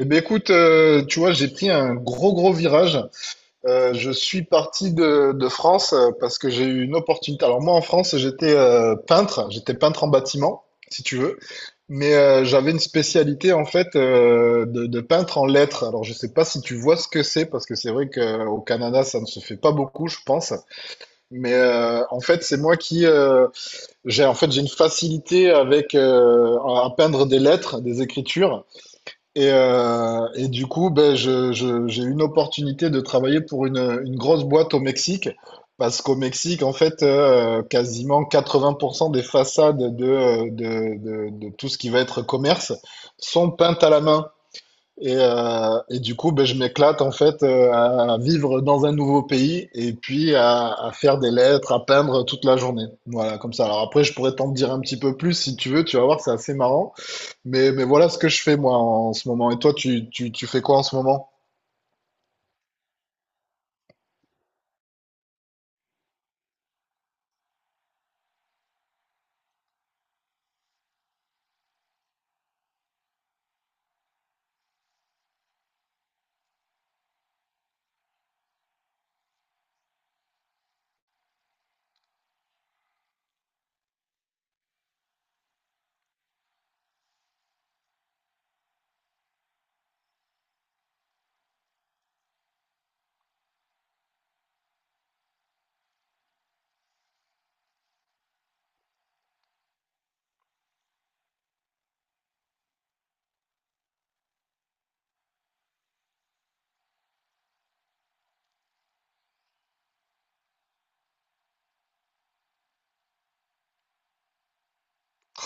Eh ben écoute, tu vois, j'ai pris un gros gros virage. Je suis parti de France parce que j'ai eu une opportunité. Alors moi en France, j'étais peintre, j'étais peintre en bâtiment, si tu veux, mais j'avais une spécialité en fait de peintre en lettres. Alors je sais pas si tu vois ce que c'est parce que c'est vrai qu'au Canada ça ne se fait pas beaucoup, je pense. Mais en fait, c'est moi qui j'ai en fait j'ai une facilité avec à peindre des lettres, des écritures. Et du coup, ben, j'ai eu une opportunité de travailler pour une grosse boîte au Mexique, parce qu'au Mexique, en fait, quasiment 80% des façades de tout ce qui va être commerce sont peintes à la main. Et du coup, ben, je m'éclate en fait à vivre dans un nouveau pays et puis à faire des lettres, à peindre toute la journée. Voilà, comme ça. Alors après, je pourrais t'en dire un petit peu plus si tu veux, tu vas voir, c'est assez marrant. Mais voilà ce que je fais moi en ce moment. Et toi, tu fais quoi en ce moment?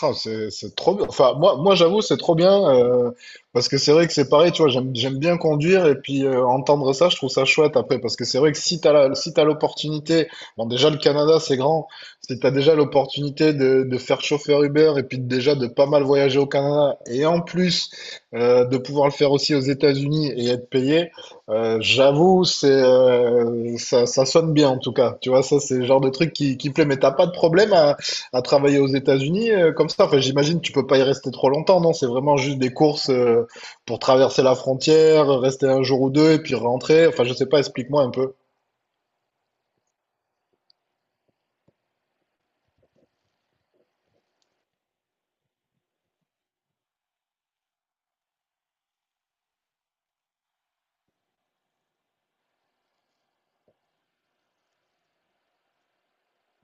Ah, c'est trop bien. Enfin, moi j'avoue, c'est trop bien. Parce que c'est vrai que c'est pareil, tu vois, j'aime bien conduire et puis entendre ça, je trouve ça chouette après. Parce que c'est vrai que si si t'as l'opportunité, bon, déjà le Canada, c'est grand. Si t'as déjà l'opportunité de faire chauffeur Uber et puis déjà de pas mal voyager au Canada et en plus de pouvoir le faire aussi aux États-Unis et être payé, j'avoue, ça sonne bien en tout cas. Tu vois, ça, c'est le genre de truc qui plaît. Mais t'as pas de problème à travailler aux États-Unis comme ça. Enfin, j'imagine tu peux pas y rester trop longtemps, non? C'est vraiment juste des courses pour traverser la frontière, rester un jour ou deux et puis rentrer. Enfin, je sais pas, explique-moi un peu.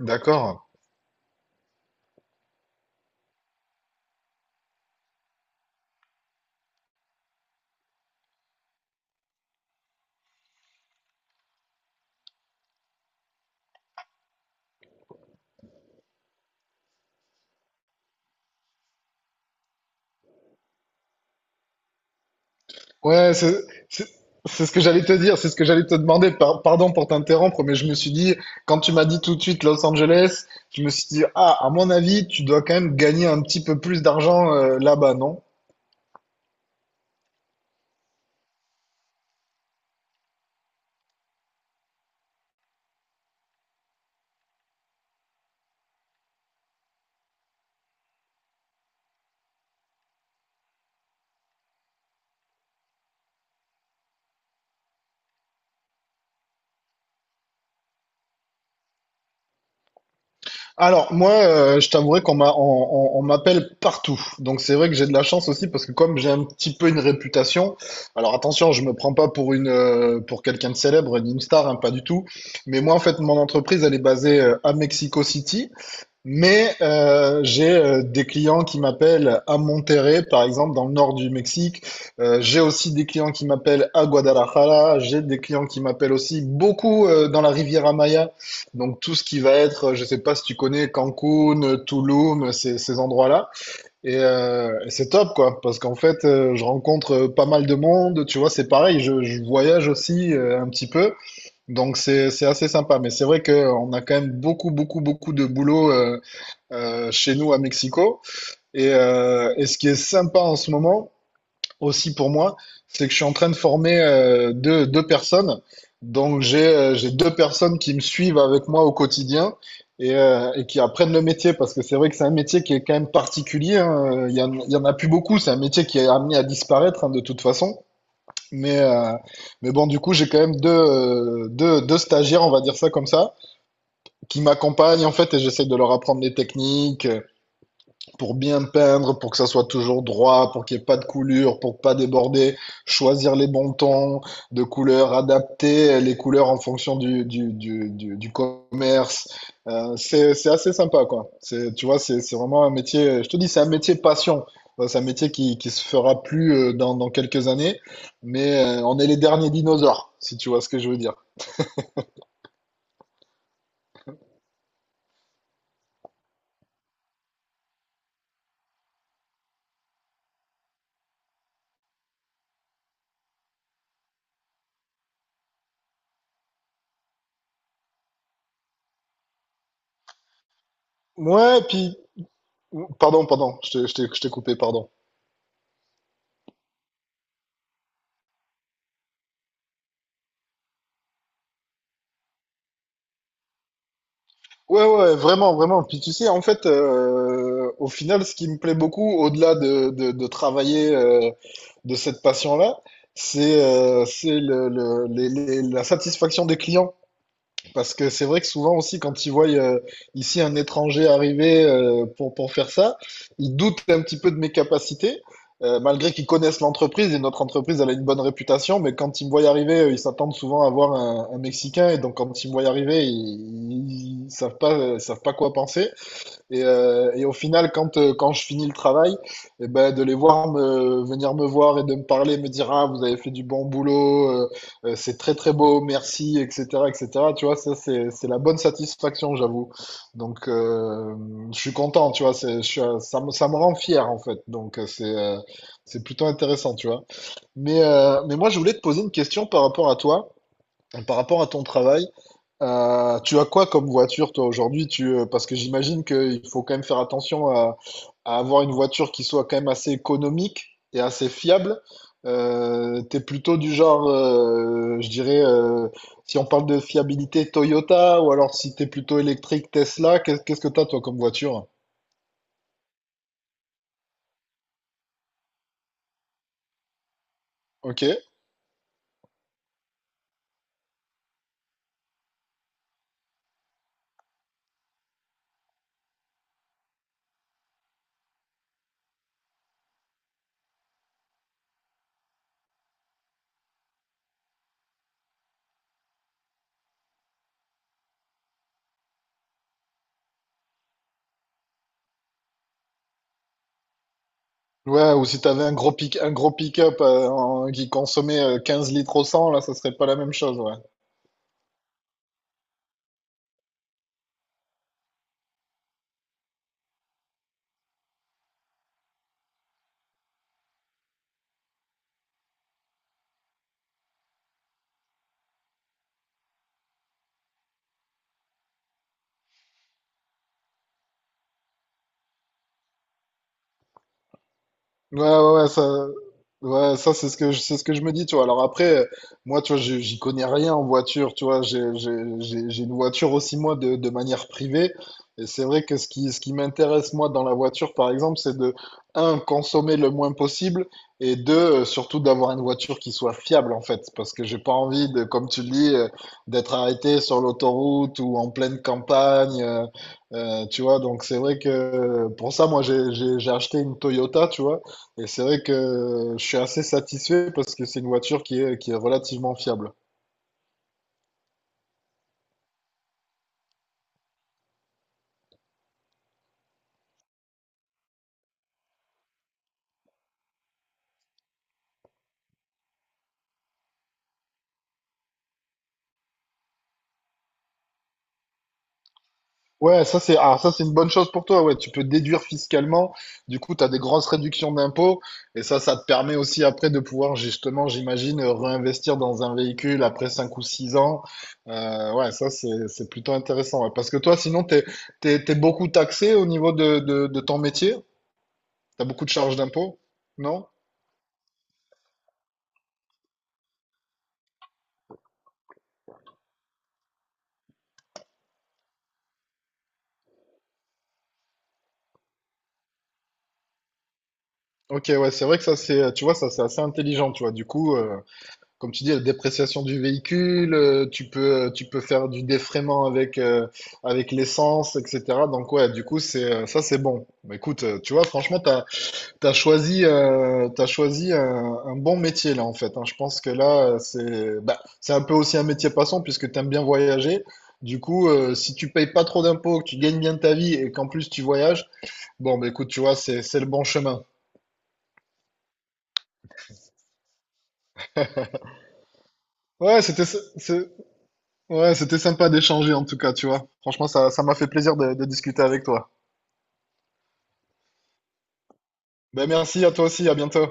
D'accord. Ouais, c'est- c'est ce que j'allais te dire, c'est ce que j'allais te demander. Pardon pour t'interrompre, mais je me suis dit, quand tu m'as dit tout de suite Los Angeles, je me suis dit, ah, à mon avis, tu dois quand même gagner un petit peu plus d'argent là-bas, non? Alors, moi, je t'avouerai qu' on m'appelle partout. Donc, c'est vrai que j'ai de la chance aussi parce que comme j'ai un petit peu une réputation, alors attention, je me prends pas pour pour quelqu'un de célèbre, ni une star, hein, pas du tout. Mais moi, en fait, mon entreprise, elle est basée à Mexico City. Mais j'ai des clients qui m'appellent à Monterrey, par exemple, dans le nord du Mexique. J'ai aussi des clients qui m'appellent à Guadalajara. J'ai des clients qui m'appellent aussi beaucoup dans la Riviera Maya. Donc tout ce qui va être, je sais pas si tu connais Cancun, Tulum, ces endroits-là. Et c'est top, quoi, parce qu'en fait, je rencontre pas mal de monde. Tu vois, c'est pareil, je voyage aussi un petit peu. Donc c'est assez sympa, mais c'est vrai qu'on a quand même beaucoup beaucoup beaucoup de boulot chez nous à Mexico. Et ce qui est sympa en ce moment, aussi pour moi, c'est que je suis en train de former deux personnes. Donc j'ai deux personnes qui me suivent avec moi au quotidien et qui apprennent le métier parce que c'est vrai que c'est un métier qui est quand même particulier, hein. Il y en a plus beaucoup. C'est un métier qui est amené à disparaître, hein, de toute façon. Mais, euh, mais bon, du coup, j'ai quand même deux stagiaires, on va dire ça comme ça, qui m'accompagnent en fait et j'essaie de leur apprendre les techniques, pour bien peindre, pour que ça soit toujours droit, pour qu'il n'y ait pas de coulure, pour pas déborder, choisir les bons tons de couleurs, adapter les couleurs en fonction du commerce. C'est assez sympa, quoi. C'est, tu vois, C'est vraiment un métier, je te dis, c'est un métier passion. C'est un métier qui se fera plus dans quelques années, mais on est les derniers dinosaures, si tu vois ce que je veux dire. Ouais, puis, je t'ai coupé, pardon. Ouais, ouais, vraiment. Puis tu sais, en fait, au final, ce qui me plaît beaucoup, au-delà de travailler de cette passion-là, c'est la satisfaction des clients. Parce que c'est vrai que souvent aussi, quand ils voient ici un étranger arriver pour faire ça, ils doutent un petit peu de mes capacités, malgré qu'ils connaissent l'entreprise et notre entreprise, elle a une bonne réputation, mais quand ils me voient arriver, ils s'attendent souvent à voir un Mexicain, et donc quand ils me voient arriver, ils savent pas quoi penser. Et au final, quand je finis le travail, eh ben, de les voir venir me voir et de me parler, me dire, ah, vous avez fait du bon boulot, c'est très très beau, merci, etc., etc. Tu vois, ça, c'est la bonne satisfaction, j'avoue. Donc, je suis content, tu vois, c'est, je suis, ça me rend fier, en fait. Donc, c'est plutôt intéressant, tu vois. Mais moi, je voulais te poser une question par rapport à toi. Par rapport à ton travail, tu as quoi comme voiture toi aujourd'hui? Parce que j'imagine qu'il faut quand même faire attention à avoir une voiture qui soit quand même assez économique et assez fiable. T'es plutôt du genre, je dirais, si on parle de fiabilité Toyota ou alors si t'es plutôt électrique Tesla, qu'est-ce que t'as toi comme voiture? Ok. Ouais, ou si t'avais un gros pick-up qui consommait 15 litres au 100, là, ça serait pas la même chose. Ouais. Ouais, ouais, ouais, ça, ouais, ça c'est c'est ce que je me dis, tu vois. Alors après, moi, tu vois, j'y connais rien en voiture, tu vois. J'ai une voiture aussi, moi, de manière privée. Et c'est vrai que ce ce qui m'intéresse, moi, dans la voiture, par exemple, c'est de, un, consommer le moins possible, et deux, surtout d'avoir une voiture qui soit fiable, en fait. Parce que j'ai pas envie de, comme tu le dis, d'être arrêté sur l'autoroute ou en pleine campagne. Tu vois, donc c'est vrai que pour ça, moi, j'ai acheté une Toyota, tu vois. Et c'est vrai que je suis assez satisfait parce que c'est une voiture qui est relativement fiable. Ouais, ça c'est une bonne chose pour toi. Ouais, tu peux déduire fiscalement. Du coup, tu as des grosses réductions d'impôts et ça te permet aussi après de pouvoir justement, j'imagine, réinvestir dans un véhicule après 5 ou 6 ans. Ouais, ça C'est plutôt intéressant. Ouais. Parce que toi sinon t'es beaucoup taxé au niveau de ton métier. T'as beaucoup de charges d'impôts, non? Ok, ouais, c'est vrai que ça c'est assez intelligent, tu vois. Du coup, comme tu dis, la dépréciation du véhicule, tu peux faire du défraiement avec, avec l'essence, etc. Donc ouais, du coup, ça c'est bon. Mais écoute, tu vois, franchement, t'as choisi, un bon métier là en fait, hein. Je pense que là, bah, c'est un peu aussi un métier passant puisque t'aimes bien voyager. Du coup, si tu payes pas trop d'impôts, que tu gagnes bien ta vie et qu'en plus tu voyages, bon, bah écoute, tu vois, c'est le bon chemin. Ouais, c'était, ça- c'est- Ouais, c'était sympa d'échanger en tout cas, tu vois. Franchement, ça m'a fait plaisir de discuter avec toi. Ben merci à toi aussi, à bientôt.